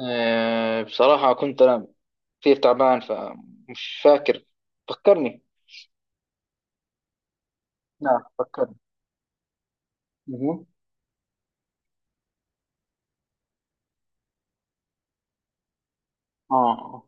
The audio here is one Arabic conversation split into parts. بصراحة كنت أنا كثير تعبان، فمش فاكر. فكرني. لا، فكرني. مهم. آه،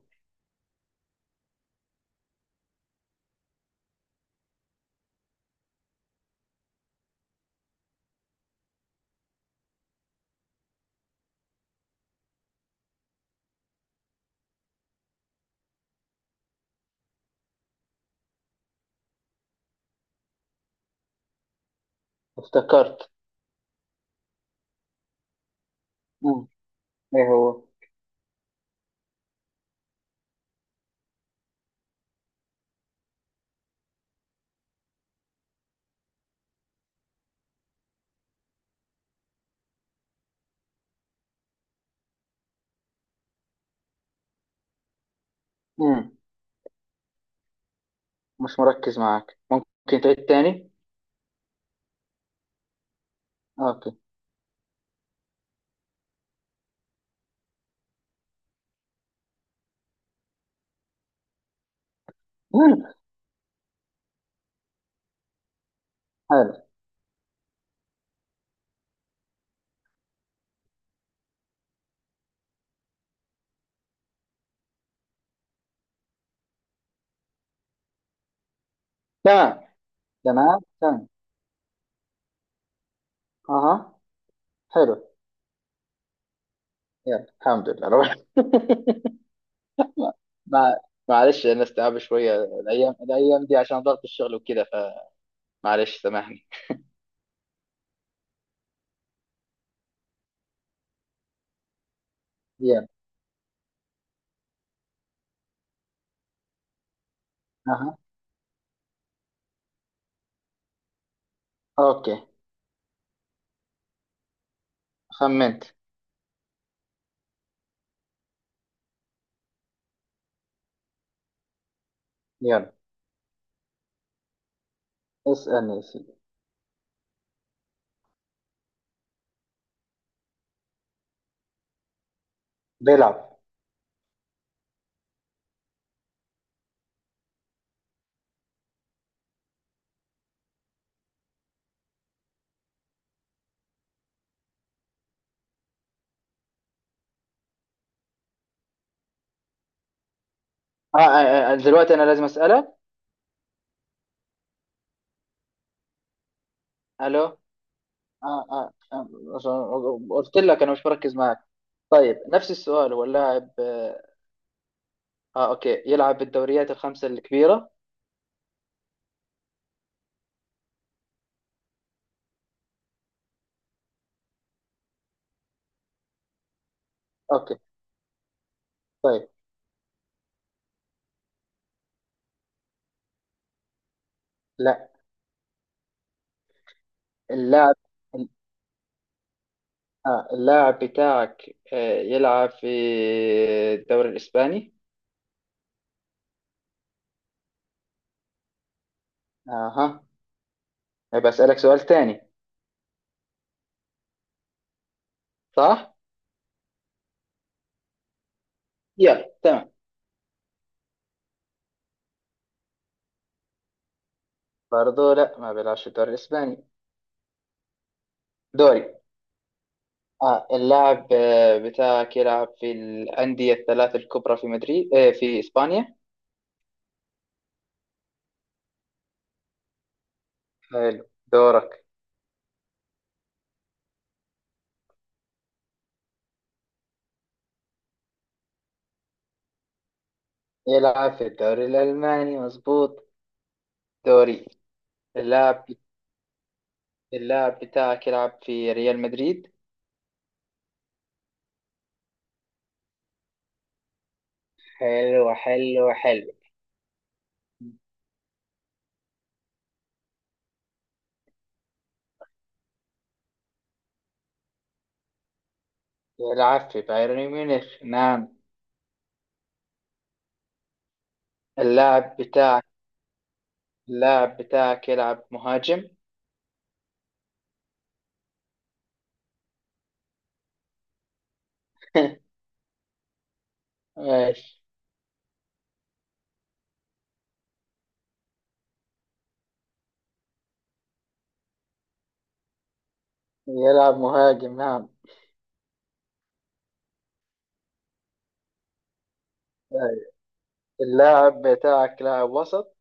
افتكرت. مم. إيه هو. مم. مش مركز معك، ممكن تعيد تاني؟ أوكي. مم. حلو. تمام تمام تمام. أها. حلو. يلا، الحمد لله، روح. ما معلش، أنا استيعاب شوية الأيام الأيام دي عشان ضغط الشغل وكده، فمعلش سامحني. يلا. أها. أوكي. خمنت. يلا، اسألني يا سيدي. بيلعب. آه, آه, دلوقتي أنا لازم أسألك. ألو، آه, آه عشان قلت لك أنا مش بركز معك. طيب، نفس السؤال، هو اللاعب أوكي يلعب بالدوريات الخمسة الكبيرة؟ أوكي. طيب. لا. اللاعب اللاعب بتاعك يلعب في الدوري الإسباني؟ أها. بسألك سؤال تاني. صح؟ يلا، تمام. برضه لا، ما بيلعبش في الدوري الإسباني. دوري. اللاعب بتاعك يلعب في الأندية الثلاث الكبرى في مدريد في إسبانيا؟ حلو. دورك. يلعب في الدوري الألماني، مظبوط. دوري. اللاعب اللاعب بتاعك يلعب في ريال مدريد؟ حلو حلو حلو. يلعب في بايرن ميونخ، نعم. اللاعب بتاعك اللاعب بتاعك يلعب مهاجم؟ ماشي. يلعب مهاجم، نعم. طيب. اللاعب بتاعك لاعب وسط؟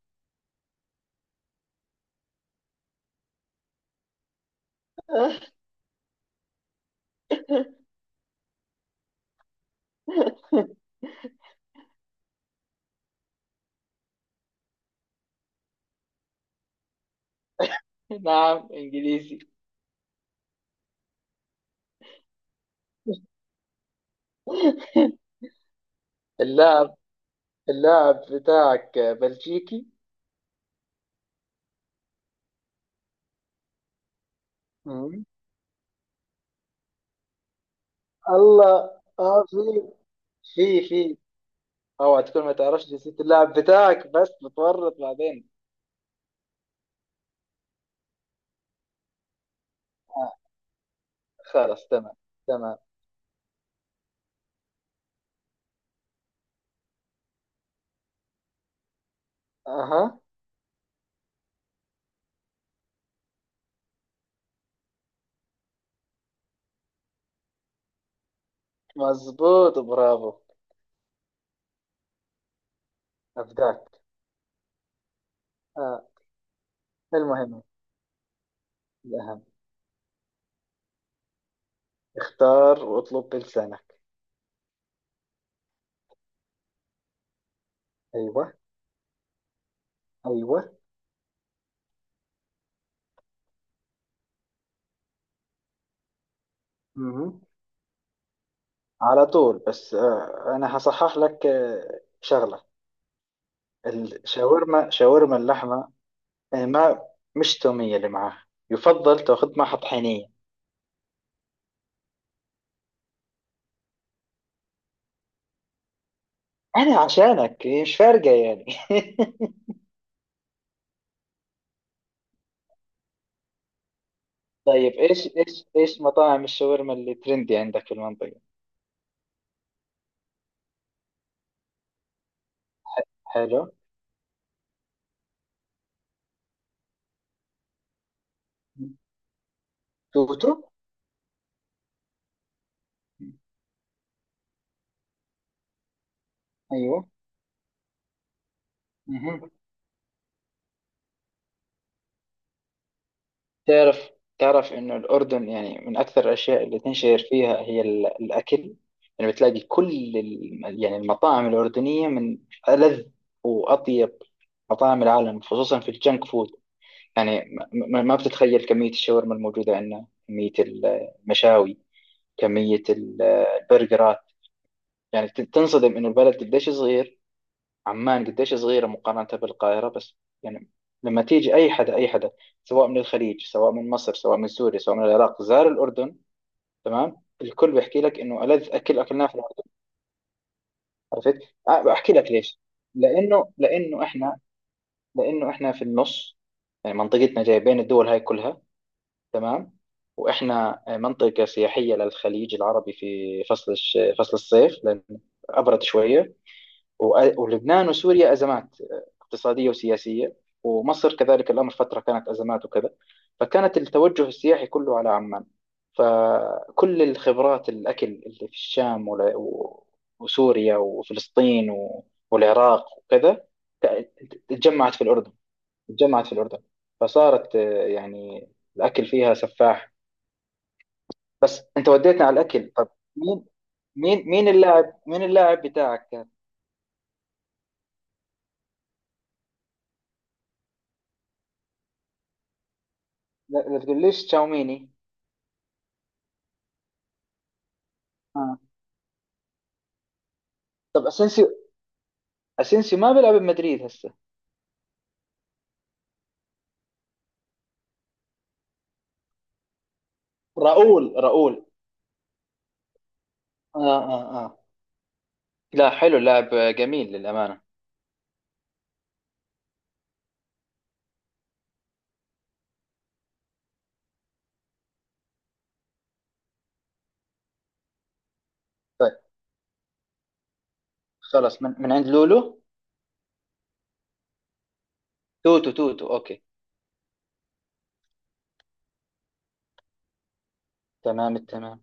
نعم، انجليزي. اللاعب اللاعب بتاعك بلجيكي؟ مم. الله. اه في في. اوعى تكون ما تعرفش جنسية اللاعب بتاعك، بس بتورط بعدين. آه. خلاص، تمام. تمام. اها. مظبوط، برافو. ابدعت. آه، المهم، الاهم، اختار واطلب بلسانك. ايوه. ايوه. مم. على طول. بس انا هصحح لك شغلة. شاورما اللحمة. ما مش تومية اللي معاها، يفضل تاخذ معها طحينية. أنا عشانك، هي مش فارقة يعني. طيب، إيش مطاعم الشاورما اللي ترندي عندك في المنطقة؟ حلو. توتو. أيوه. مهم. تعرف، تعرف إنه الأردن يعني من أكثر الأشياء اللي تنشهر فيها هي الأكل. يعني بتلاقي كل يعني المطاعم الأردنية من ألذ وأطيب مطاعم العالم، خصوصا في الجنك فود. يعني ما بتتخيل كمية الشاورما الموجودة عندنا، كمية المشاوي، كمية البرجرات. يعني تنصدم إنه البلد قديش صغير. عمان قديش صغيرة مقارنة بالقاهرة. بس يعني لما تيجي أي حدا أي حدا، سواء من الخليج، سواء من مصر، سواء من سوريا، سواء من العراق، زار الأردن. تمام. الكل بيحكي لك إنه ألذ أكل أكلناه في الأردن. عرفت؟ بحكي لك ليش؟ لأنه لأنه إحنا لأنه إحنا في النص. يعني منطقتنا جاية بين الدول هاي كلها. تمام. واحنا منطقه سياحيه للخليج العربي في فصل الصيف، لان ابرد شويه. ولبنان وسوريا ازمات اقتصاديه وسياسيه. ومصر كذلك الامر، فتره كانت ازمات وكذا. فكانت التوجه السياحي كله على عمان. فكل الخبرات الاكل اللي في الشام وسوريا وفلسطين والعراق وكذا. ت- تجمعت في الاردن. تجمعت في الاردن. فصارت يعني الأكل فيها سفاح. بس انت وديتني على الاكل، طب، مين مين اللاعب بتاعك كان؟ لا، لا تقوليش تشاوميني. آه. طب، اسينسيو. اسينسيو ما بيلعب بمدريد هسه. راؤول راؤول. اه اه اه. لا، حلو اللاعب، جميل للامانه. طيب، خلاص، من عند لولو. توتو توتو، اوكي. تمام التمام.